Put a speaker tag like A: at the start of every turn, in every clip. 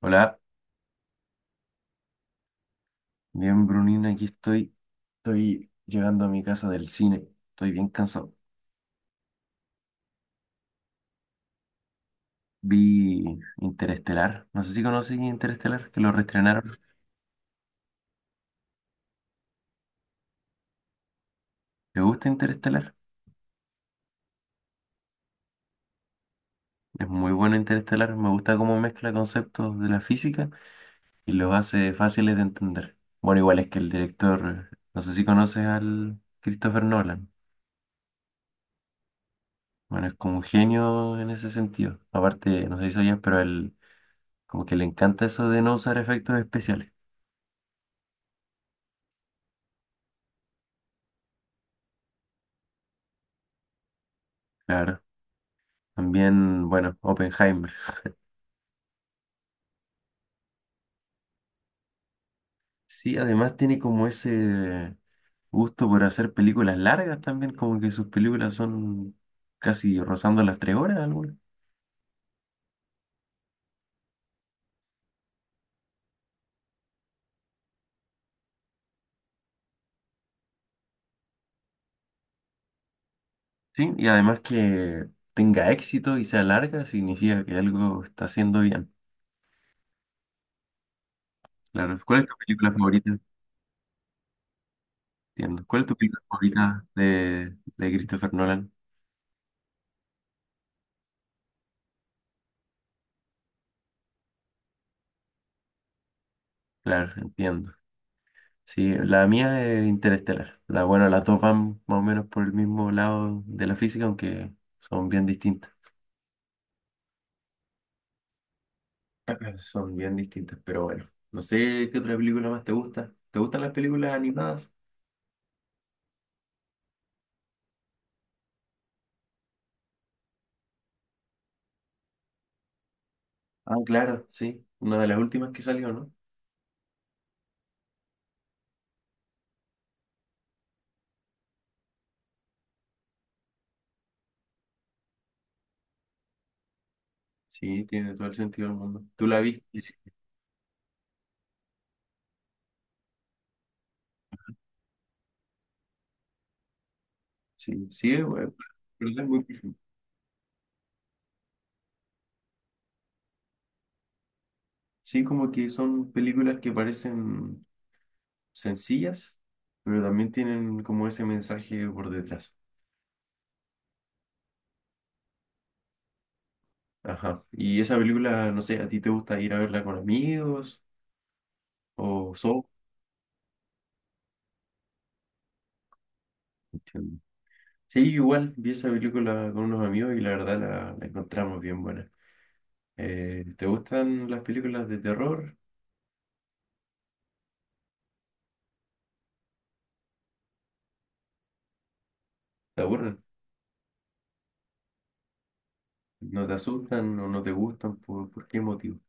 A: Hola, bien Brunina, aquí estoy. Estoy llegando a mi casa del cine. Estoy bien cansado. Vi Interestelar. No sé si conoces Interestelar, que lo reestrenaron. ¿Te gusta Interestelar? Es muy bueno Interestelar. Me gusta cómo mezcla conceptos de la física y los hace fáciles de entender. Bueno, igual es que el director, no sé si conoces al Christopher Nolan. Bueno, es como un genio en ese sentido. Aparte, no sé si sabías, pero a él como que le encanta eso de no usar efectos especiales. Claro. También, bueno, Oppenheimer. Sí, además tiene como ese gusto por hacer películas largas también, como que sus películas son casi rozando las tres horas algunas. Sí, y además que tenga éxito y sea larga significa que algo está haciendo bien. Claro. ¿Cuál es tu película favorita? Entiendo. ¿Cuál es tu película favorita de Christopher Nolan? Claro, entiendo. Sí, la mía es Interestelar. La, bueno, las dos van más o menos por el mismo lado de la física, aunque son bien distintas. Son bien distintas, pero bueno. No sé qué otra película más te gusta. ¿Te gustan las películas animadas? Ah, claro, sí. Una de las últimas que salió, ¿no? Sí, tiene todo el sentido del mundo. ¿Tú la viste? Sí, sí, es bueno, pero es muy difícil. Sí, como que son películas que parecen sencillas, pero también tienen como ese mensaje por detrás. Ajá. Y esa película, no sé, ¿a ti te gusta ir a verla con amigos o solo? Entiendo. Sí, igual vi esa película con unos amigos y la verdad la encontramos bien buena. ¿Te gustan las películas de terror? ¿Te aburren? ¿No te asustan o no te gustan? ¿Por qué motivo?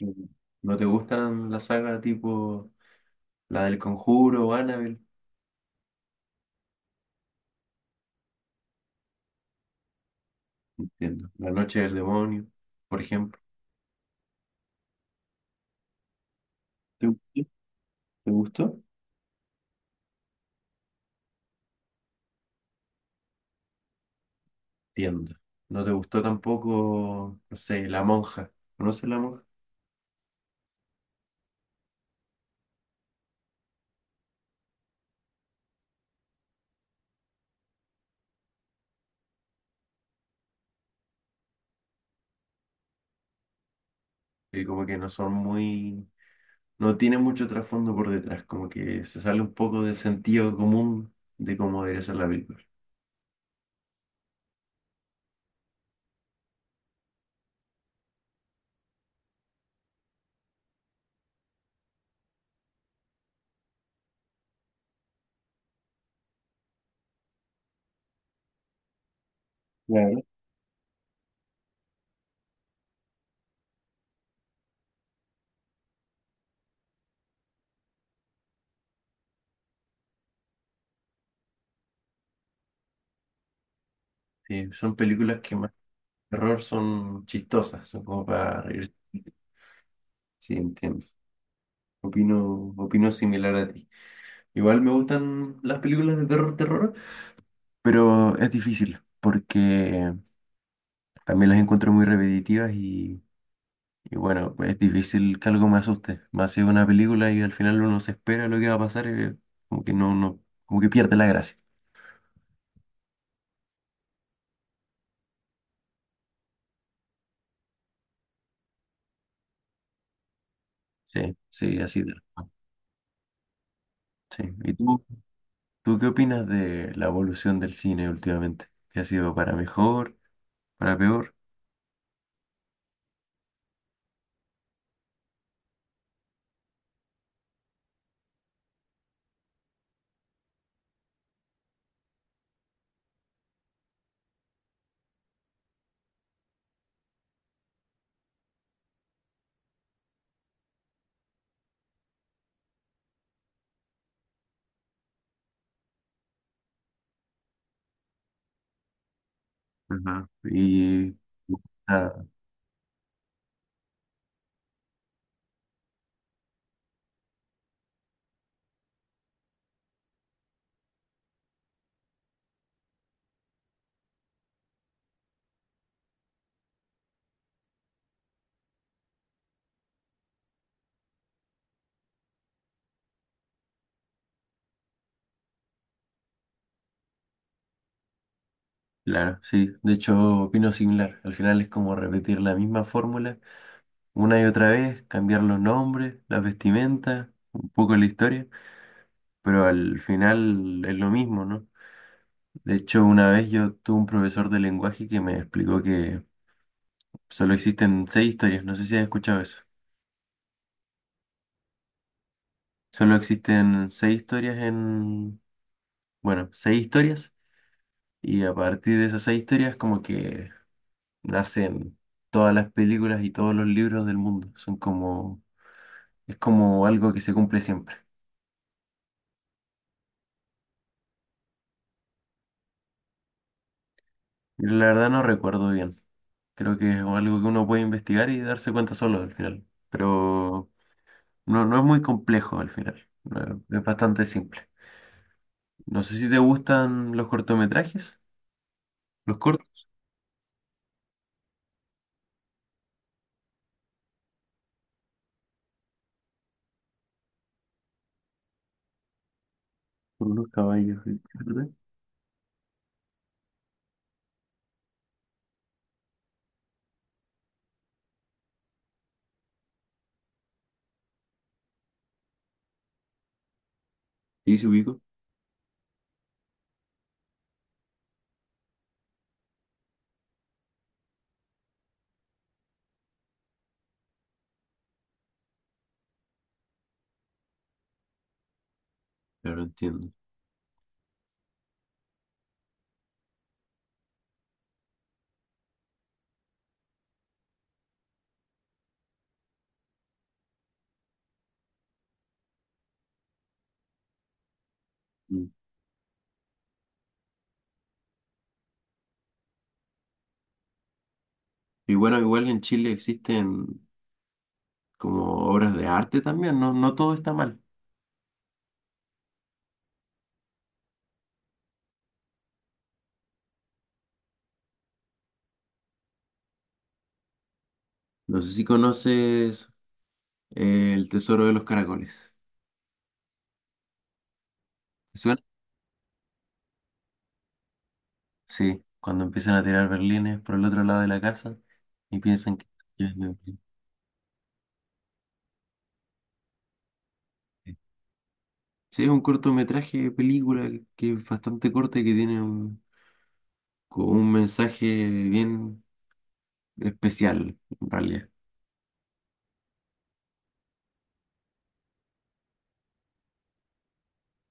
A: Mm. ¿No te gustan las sagas tipo la del Conjuro o Annabelle? Entiendo. La Noche del Demonio, por ejemplo. ¿Te gustó? ¿Te gustó? Entiendo. ¿No te gustó tampoco, no sé, La Monja? ¿Conoces La Monja? Que como que no son muy... No tiene mucho trasfondo por detrás, como que se sale un poco del sentido común de cómo debería ser la película. Claro. Sí, son películas que terror son chistosas, son como para reír. Sí, entiendo. Opino similar a ti. Igual me gustan las películas de terror, pero es difícil porque también las encuentro muy repetitivas y bueno, pues es difícil que algo me asuste. Más si es una película y al final uno se espera lo que va a pasar y como que no, no, como que pierde la gracia. Sí, sí, así de. Sí. ¿Y tú qué opinas de la evolución del cine últimamente? ¿Qué ha sido para mejor, para peor? Ajá. Y ah, claro, sí. De hecho, opino similar. Al final es como repetir la misma fórmula una y otra vez, cambiar los nombres, las vestimentas, un poco la historia, pero al final es lo mismo, ¿no? De hecho, una vez yo tuve un profesor de lenguaje que me explicó que solo existen seis historias. No sé si has escuchado eso. Solo existen seis historias en, bueno, seis historias. Y a partir de esas seis historias, como que nacen todas las películas y todos los libros del mundo. Son como, es como algo que se cumple siempre. Y la verdad no recuerdo bien. Creo que es algo que uno puede investigar y darse cuenta solo al final. Pero no, no es muy complejo al final. No, es bastante simple. No sé si te gustan los cortometrajes. Los cortos por unos caballos. ¿Eh? ¿Verdad? Sí, se ubico. Pero no entiendo. Mm. Y bueno, igual en Chile existen como obras de arte también. No, no todo está mal. No sé si conoces El tesoro de los caracoles. ¿Te suena? Sí, cuando empiezan a tirar berlines por el otro lado de la casa y piensan que... Sí, sí, es un cortometraje de película que es bastante corta y que tiene un, como un mensaje bien especial, en realidad.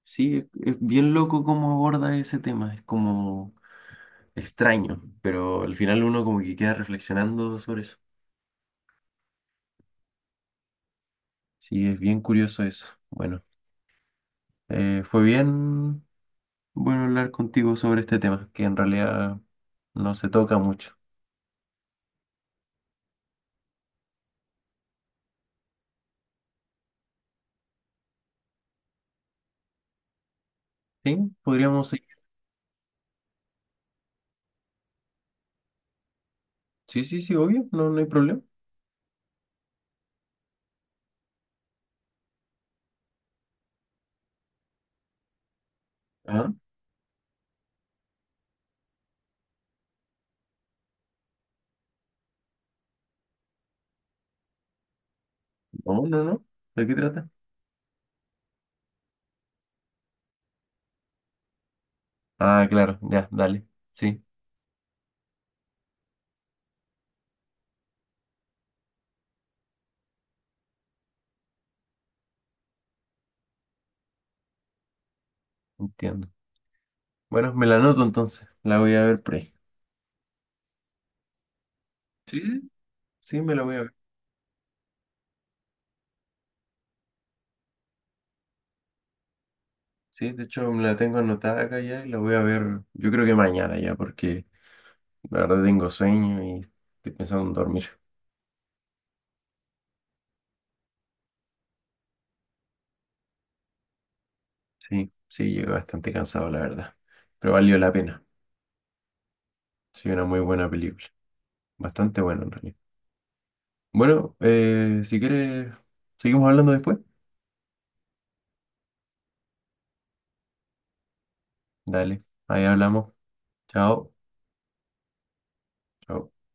A: Sí, es bien loco cómo aborda ese tema, es como extraño, pero al final uno como que queda reflexionando sobre eso. Sí, es bien curioso eso. Bueno, fue bien. Bueno, hablar contigo sobre este tema, que en realidad no se toca mucho. ¿Sí? ¿Podríamos seguir? Sí, sí, sí, obvio, no, no hay problema. Ah, no, no, no. ¿De qué trata? Ah, claro, ya, dale. Sí, entiendo. Bueno, me la anoto entonces, la voy a ver por ahí. Sí, sí, sí, me la voy a ver. Sí, de hecho me la tengo anotada acá ya y la voy a ver, yo creo que mañana ya, porque la verdad tengo sueño y estoy pensando en dormir. Sí, sí, llego bastante cansado, la verdad, pero valió la pena. Sí, una muy buena película. Bastante bueno en realidad. Bueno, si quieres, seguimos hablando después. Dale, ahí hablamos. Chao. Chao.